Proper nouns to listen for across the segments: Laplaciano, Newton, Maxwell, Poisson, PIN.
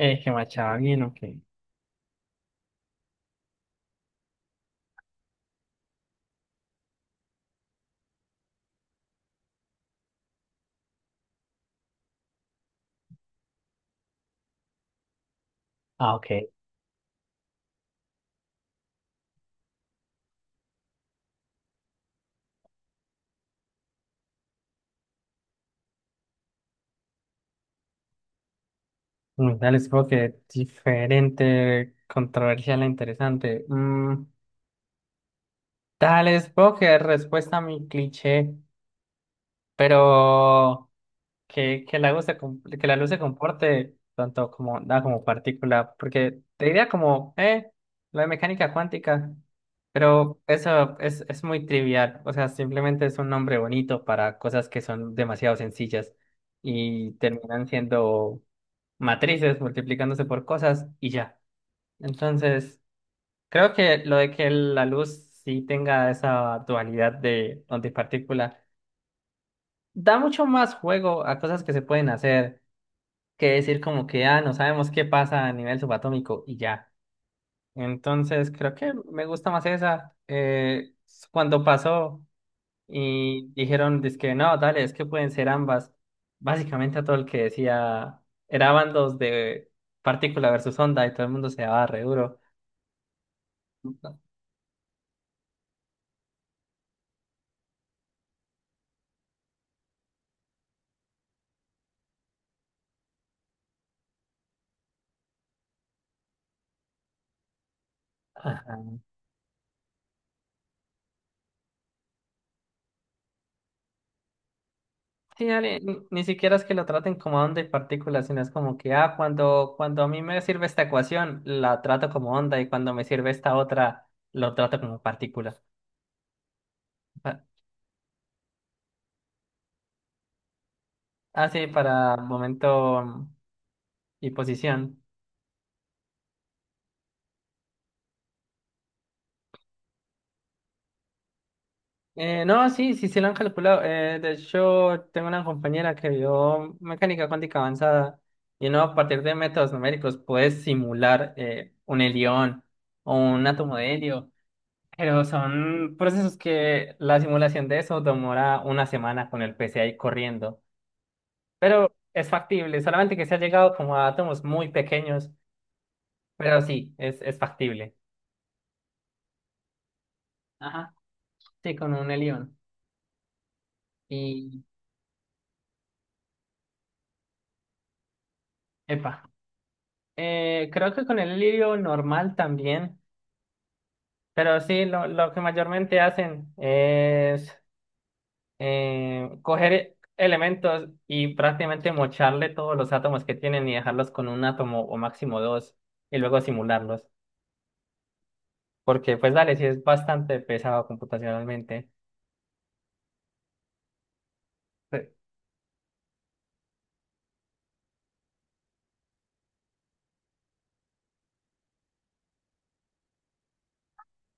Que machaba bien, ok. Ah, ok. Dale, supongo que diferente, controversial e interesante. Dale, supongo que respuesta a mi cliché, pero que la luz se comporte tanto como da como partícula, porque te diría como, lo de mecánica cuántica, pero eso es muy trivial, o sea, simplemente es un nombre bonito para cosas que son demasiado sencillas y terminan siendo matrices multiplicándose por cosas y ya. Entonces, creo que lo de que la luz sí tenga esa dualidad de onda y partícula da mucho más juego a cosas que se pueden hacer que decir como que, ah, no sabemos qué pasa a nivel subatómico y ya. Entonces, creo que me gusta más esa. Cuando pasó. Y dijeron, dizque no, dale, es que pueden ser ambas. Básicamente a todo el que decía, era bandos de partícula versus onda y todo el mundo se daba re duro. Ajá. Sí, dale, ni siquiera es que lo traten como onda y partícula, sino es como que, ah, cuando a mí me sirve esta ecuación, la trato como onda y cuando me sirve esta otra, lo trato como partícula. Pa- Ah, sí, para momento y posición. No, sí, sí, sí lo han calculado. De hecho, tengo una compañera que vio mecánica cuántica avanzada y no a partir de métodos numéricos puedes simular un helión o un átomo de helio, pero son procesos que la simulación de eso demora una semana con el PCI corriendo, pero es factible, solamente que se ha llegado como a átomos muy pequeños, pero sí, es factible. Ajá, sí, con un helión. Y, Epa. Creo que con el lirio normal también, pero sí, lo que mayormente hacen es coger elementos y prácticamente mocharle todos los átomos que tienen y dejarlos con un átomo o máximo dos y luego simularlos. Porque pues dale, sí es bastante pesado computacionalmente. Pe-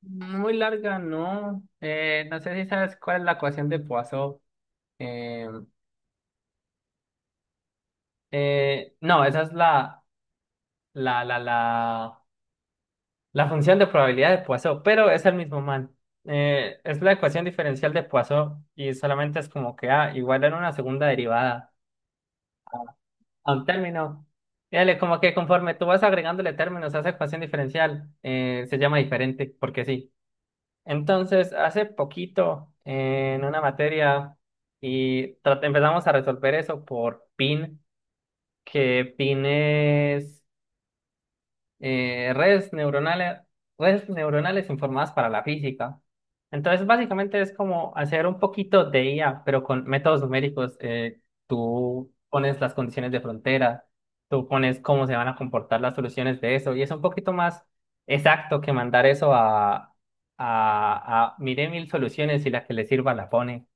Muy larga, no. No sé si sabes cuál es la ecuación de Poisson. Eh, no, esa es la. La función de probabilidad de Poisson, pero es el mismo man. Es la ecuación diferencial de Poisson y solamente es como que A igual en una segunda derivada a a un término. Y Dale, como que conforme tú vas agregándole términos a esa ecuación diferencial, se llama diferente, porque sí. Entonces, hace poquito en una materia y empezamos a resolver eso por PIN, que PIN es eh, redes neuronales, redes neuronales informadas para la física. Entonces, básicamente es como hacer un poquito de IA, pero con métodos numéricos. Tú pones las condiciones de frontera, tú pones cómo se van a comportar las soluciones de eso, y es un poquito más exacto que mandar eso a mire mil soluciones y la que le sirva la pone.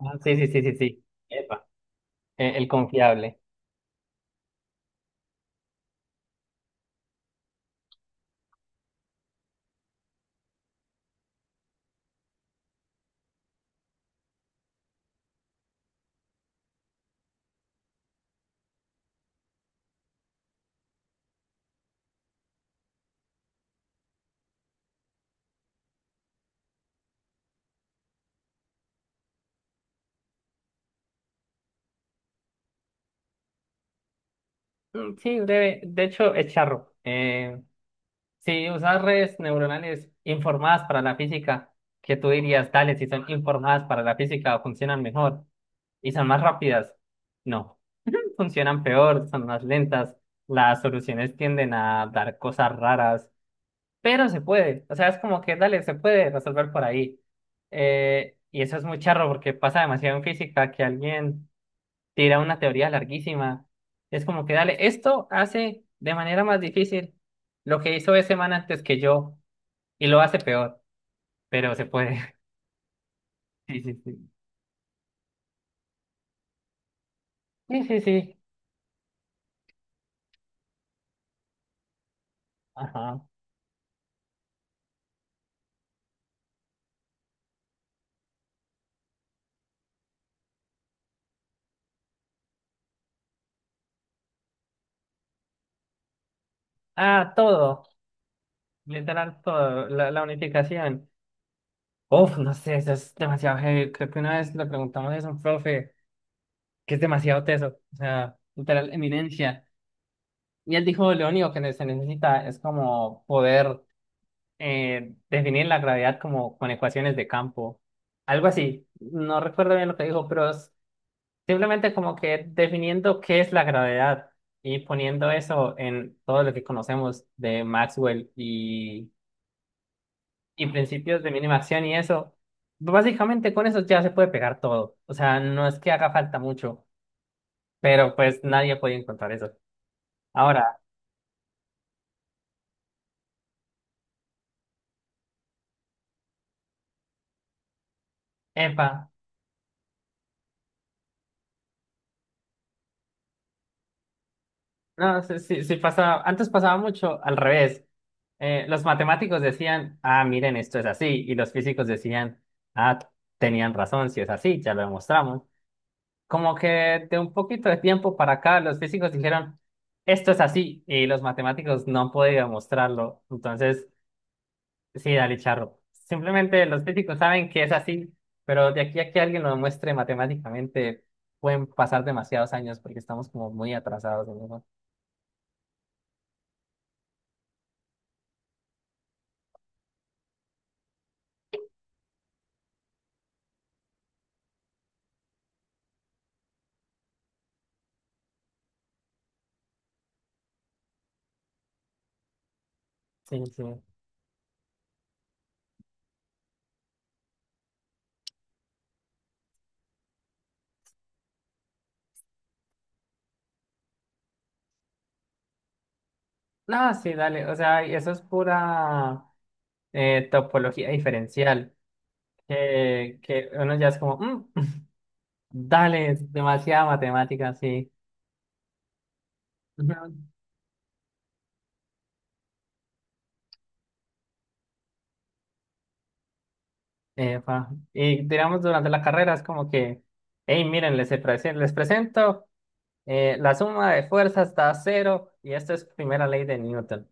Ah, sí, sí, sí, sí, sí. Epa. El confiable. Sí, breve. De hecho, es charro. Si usas redes neuronales informadas para la física, que tú dirías, dale, si son informadas para la física, funcionan mejor y son más rápidas. No, funcionan peor, son más lentas, las soluciones tienden a dar cosas raras, pero se puede. O sea, es como que, dale, se puede resolver por ahí. Y eso es muy charro porque pasa demasiado en física que alguien tira una teoría larguísima. Es como que, dale, esto hace de manera más difícil lo que hizo ese man antes que yo. Y lo hace peor, pero se puede. Sí, sí, sí. Sí, sí, sí. Ajá. Ah, todo. Literal todo. La unificación. Uf, no sé, eso es demasiado heavy. Creo que una vez le preguntamos eso a un profe, que es demasiado teso. O sea, literal, eminencia. Y él dijo, lo único que se necesita es como poder definir la gravedad como con ecuaciones de campo. Algo así. No recuerdo bien lo que dijo, pero simplemente como que definiendo qué es la gravedad y poniendo eso en todo lo que conocemos de Maxwell y principios de mínima acción y eso, básicamente con eso ya se puede pegar todo. O sea, no es que haga falta mucho, pero pues nadie puede encontrar eso. Ahora, epa, no, si, si, si pasaba, antes pasaba mucho al revés. Los matemáticos decían, ah, miren, esto es así, y los físicos decían, ah, tenían razón, si es así, ya lo demostramos. Como que de un poquito de tiempo para acá, los físicos dijeron, esto es así, y los matemáticos no han podido demostrarlo. Entonces, sí, dale charro. Simplemente los físicos saben que es así, pero de aquí a que alguien lo demuestre matemáticamente, pueden pasar demasiados años porque estamos como muy atrasados en eso. Sí, sí. No, sí, dale. O sea, eso es pura topología diferencial, que uno ya es como, "Mm, dale, es demasiada matemática, sí. Ujú. Epa. Y digamos durante la carrera es como que, hey, miren, les presento, la suma de fuerzas da cero y esta es primera ley de Newton.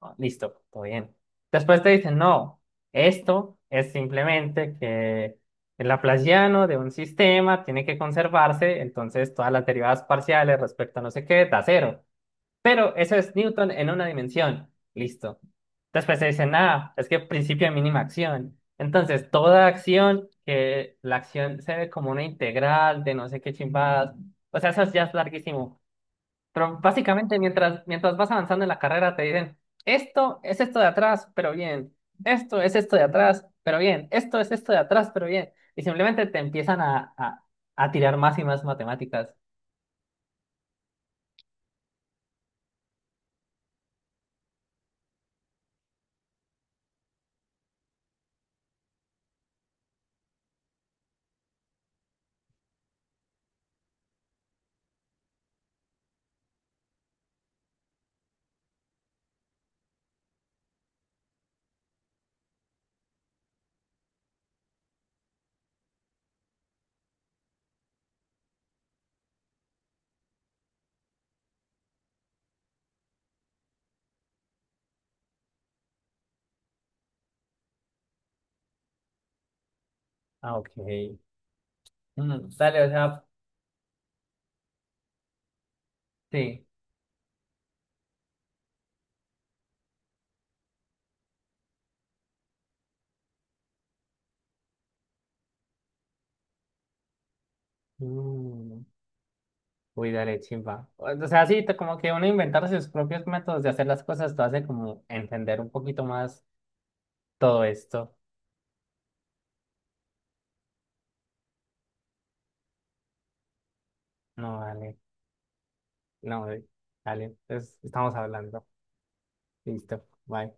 Ah, listo, todo bien. Después te dicen, no, esto es simplemente que el Laplaciano de un sistema tiene que conservarse, entonces todas las derivadas parciales respecto a no sé qué da cero. Pero eso es Newton en una dimensión. Listo. Después se dice, ah, es que principio de mínima acción. Entonces, toda acción, que la acción se ve como una integral de no sé qué chimbadas. O sea, eso ya es larguísimo. Pero básicamente, mientras vas avanzando en la carrera, te dicen, esto es esto de atrás, pero bien. Esto es esto de atrás, pero bien. Esto es esto de atrás, pero bien. Y simplemente te empiezan a, tirar más y más matemáticas. Ah, ok. Dale, o sea, sí. Mm. Uy, dale, chimba. O sea, sí, como que uno inventar sus propios métodos de hacer las cosas, te hace como entender un poquito más todo esto. No, dale, no, dale, dale, entonces estamos hablando. Listo, bye.